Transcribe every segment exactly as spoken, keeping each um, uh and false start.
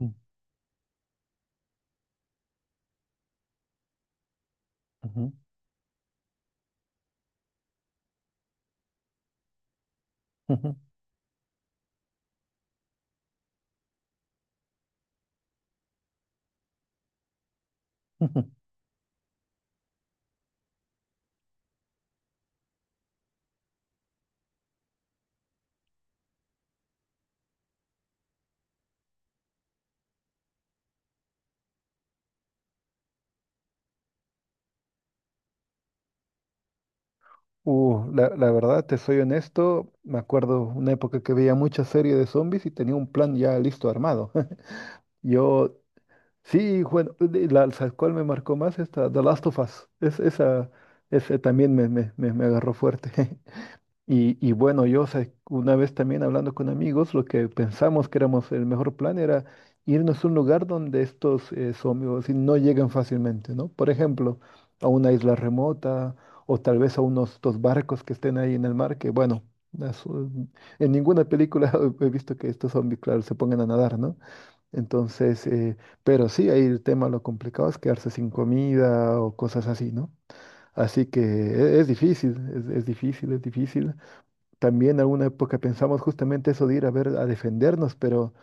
Mm, ujú, ujú, ujú. Uh, la, la verdad, te soy honesto, me acuerdo una época que veía muchas series de zombies y tenía un plan ya listo armado. Yo, sí, bueno, de la, ¿sabes cuál me marcó más? Esta, The Last of Us. Es, esa, ese también me, me, me, me agarró fuerte. Y, y bueno, yo sé, una vez también hablando con amigos, lo que pensamos que éramos el mejor plan era irnos a un lugar donde estos eh, zombies no llegan fácilmente, ¿no? Por ejemplo, a una isla remota o tal vez a unos dos barcos que estén ahí en el mar, que bueno, las, eh, en ninguna película he visto que estos zombies, claro, se pongan a nadar, ¿no? Entonces, eh, pero sí, ahí el tema, lo complicado es quedarse sin comida o cosas así, ¿no? Así que e- es, difícil, es, es difícil, es difícil. También alguna época pensamos justamente eso de ir a ver, a defendernos, pero,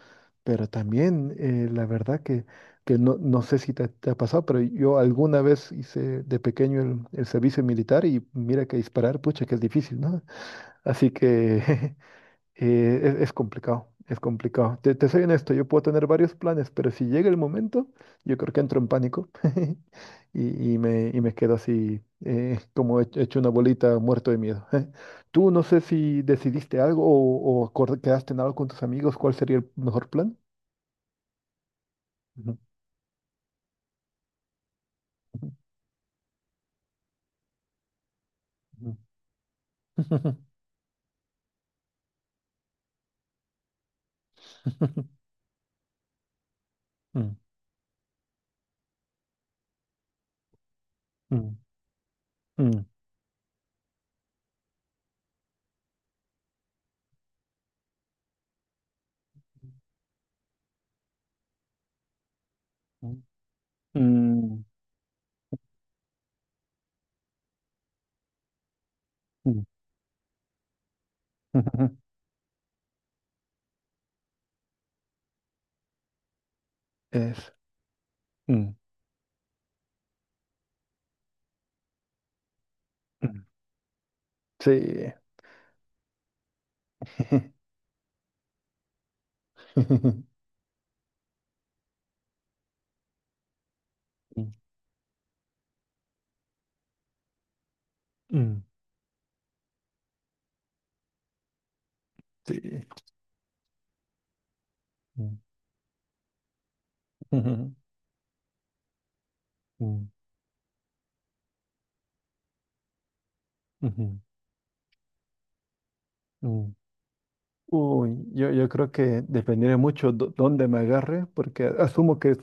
pero también eh, la verdad que, que no, no sé si te, te ha pasado, pero yo alguna vez hice de pequeño el, el servicio militar y mira que disparar, pucha, que es difícil, ¿no? Así que Eh, es, es complicado, es complicado. Te, te soy honesto, yo puedo tener varios planes, pero si llega el momento, yo creo que entro en pánico y, y me, y me quedo así, eh, como he hecho una bolita muerto de miedo. Tú no sé si decidiste algo o, o acor- quedaste en algo con tus amigos, ¿cuál sería el mejor plan? Ujú, ujú, ujú. Mm, mm, mm, mm, mm, mm, ujú. Es. Mm, mm. Sí. Mm, mm, sí. Mm, ujú, mm, ujú, mm. Uy, yo, yo creo que dependeré mucho dó- dónde me agarre, porque asumo que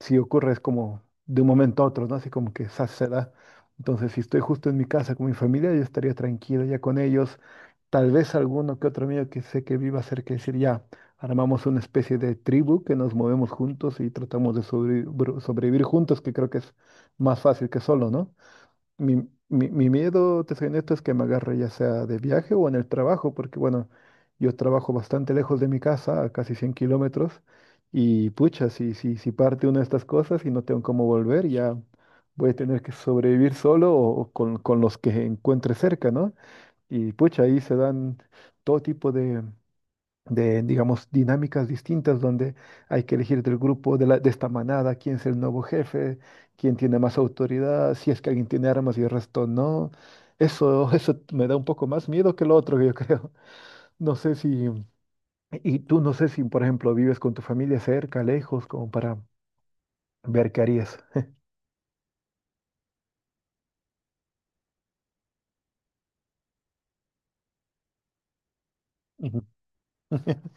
si ocurre es como de un momento a otro, ¿no? Así como que esa se da. Entonces, si estoy justo en mi casa con mi familia, yo estaría tranquilo ya con ellos. Tal vez alguno que otro amigo que sé que viva cerca, decir, ya, armamos una especie de tribu que nos movemos juntos y tratamos de sobrevi- br- sobrevivir juntos, que creo que es más fácil que solo, ¿no? Mi, mi, mi miedo, te soy honesto, es que me agarre ya sea de viaje o en el trabajo, porque bueno, yo trabajo bastante lejos de mi casa, a casi cien kilómetros, y pucha, si, si, si parte una de estas cosas y no tengo cómo volver, ya voy a tener que sobrevivir solo o, o con, con los que encuentre cerca, ¿no? Y pucha, ahí se dan todo tipo de, de, digamos, dinámicas distintas donde hay que elegir del grupo, de, la- de esta manada, quién es el nuevo jefe, quién tiene más autoridad, si es que alguien tiene armas y el resto no. Eso, eso me da un poco más miedo que lo otro, yo creo. No sé si, y tú no sé si, por ejemplo, vives con tu familia cerca, lejos, como para ver qué harías. Ujú.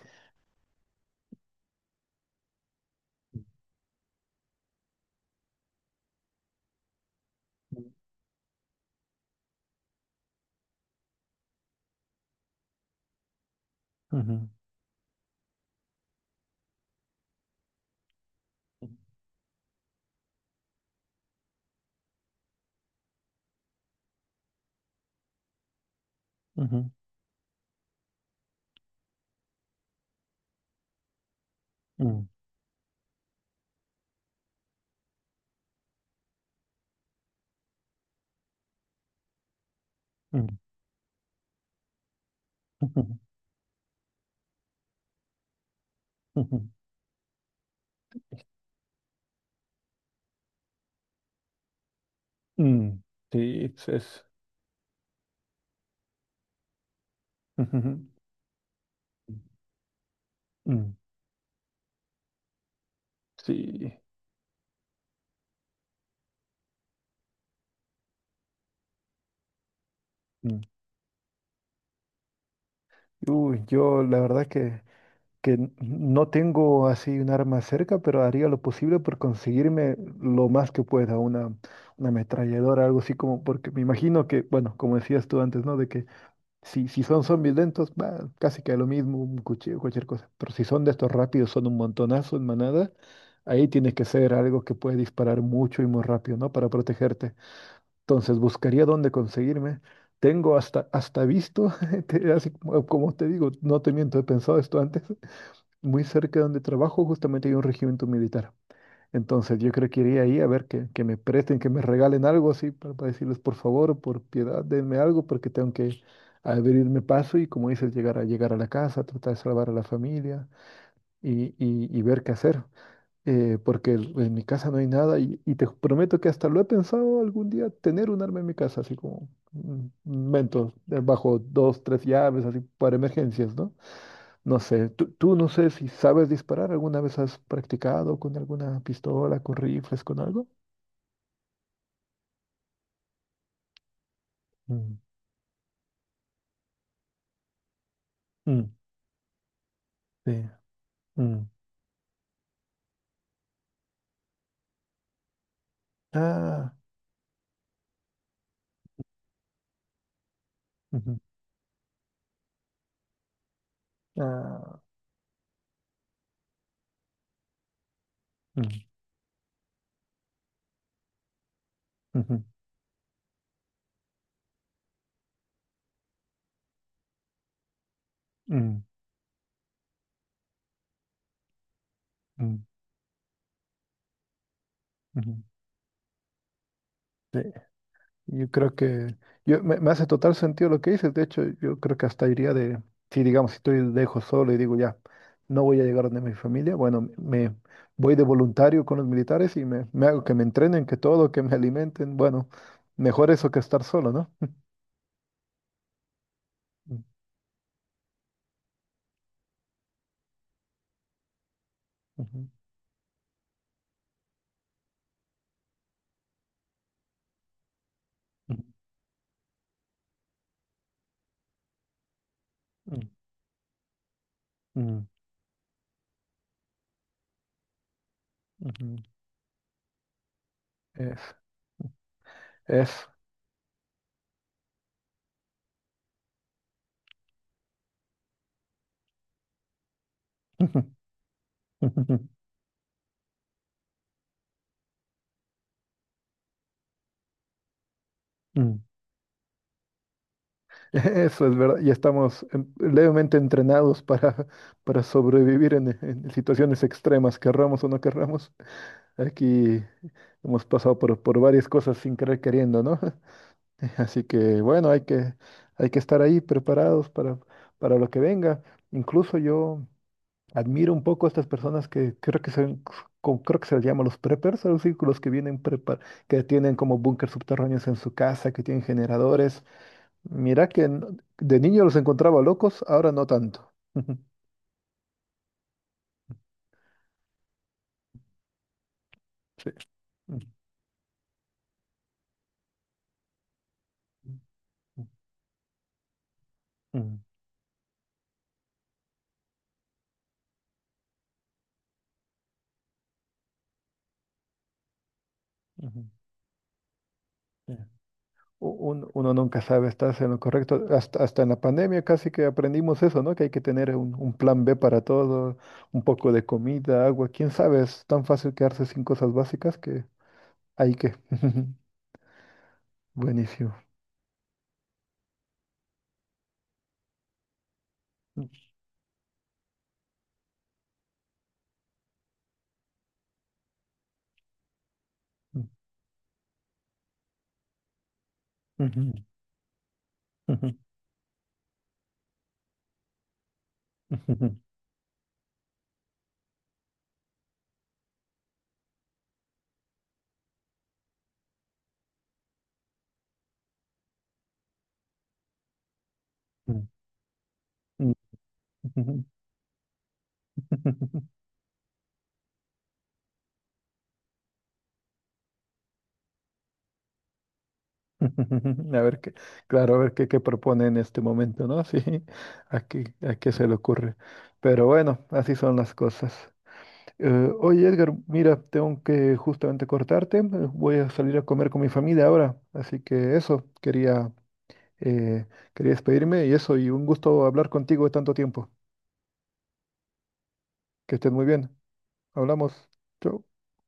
Ujú. Ujú. Mm. Mm. Ujú. Ujú. Mm. Sí, es... es- Ujú. Mm. Sí. Uy, yo la verdad que, que n- no tengo así un arma cerca, pero haría lo posible por conseguirme lo más que pueda, una, una ametralladora, algo así como, porque me imagino que, bueno, como decías tú antes, ¿no? De que si, si son zombies lentos, va, casi que lo mismo, un cuchillo, cualquier cosa. Pero si son de estos rápidos, son un montonazo en manada, ahí tiene que ser algo que puede disparar mucho y muy rápido, ¿no? Para protegerte. Entonces buscaría dónde conseguirme. Tengo hasta, hasta visto, te- así como, como te digo, no te miento, he pensado esto antes. Muy cerca de donde trabajo justamente hay un regimiento militar. Entonces yo creo que iría ahí a ver que, que me presten, que me regalen algo así para, para decirles por favor, por piedad, denme algo porque tengo que abrirme paso y como dices, llegar a, llegar a la casa, tratar de salvar a la familia y, y, y ver qué hacer eh, porque el- en mi casa no hay nada y, y te prometo que hasta lo he pensado algún día tener un arma en mi casa, así como un un Mentos, eh, bajo dos, tres llaves, así para emergencias, ¿no? No sé, tú, tú no sé si sabes disparar, ¿alguna vez has practicado con alguna pistola, con rifles, con algo? Mm, mm, sí, mm. Ah, ujú, ah, mm, ujú, mm, mm, ujú, sí. Yo creo que yo, me, me hace total sentido lo que dices. De hecho, yo creo que hasta iría de, si digamos, si estoy dejo solo y digo ya, no voy a llegar donde mi familia, bueno, me voy de voluntario con los militares y me, me hago que me entrenen, que todo, que me alimenten. Bueno, mejor eso que estar solo, ¿no? Ujú, ujú, ujú, ujú, ujú. Es, es. Mm, eso es verdad, ya estamos en- levemente entrenados para, para sobrevivir en, en situaciones extremas, querramos o no querramos. Aquí hemos pasado por, por varias cosas sin querer queriendo, ¿no? Así que bueno, hay que, hay que estar ahí preparados para, para lo que venga. Incluso yo admiro un poco a estas personas que creo que se, como- creo que se les llama los preppers, a los círculos que vienen prepar, que tienen como búnker subterráneos en su casa, que tienen generadores. Mirá que no- de niño los encontraba locos, ahora no tanto. Sí. Ujú, ujú, ujú. Sí. U- un- uno nunca sabe, estás en lo correcto. Hasta, hasta en la pandemia casi que aprendimos eso, ¿no? Que hay que tener un, un plan be para todo, un poco de comida, agua. ¿Quién sabe? Es tan fácil quedarse sin cosas básicas que hay que. Buenísimo. Ujú, ujú, ujú, ujú, ujú, ujú. Ujú. A ver qué, claro, a ver qué, qué propone en este momento, ¿no? Sí, a qué, a qué se le ocurre. Pero bueno, así son las cosas. Eh, oye, Edgar, mira, tengo que justamente cortarte. eh, Voy a salir a comer con mi familia ahora. Así que eso, quería, eh, quería despedirme y eso, y un gusto hablar contigo de tanto tiempo. Que estés muy bien. Hablamos. Chau.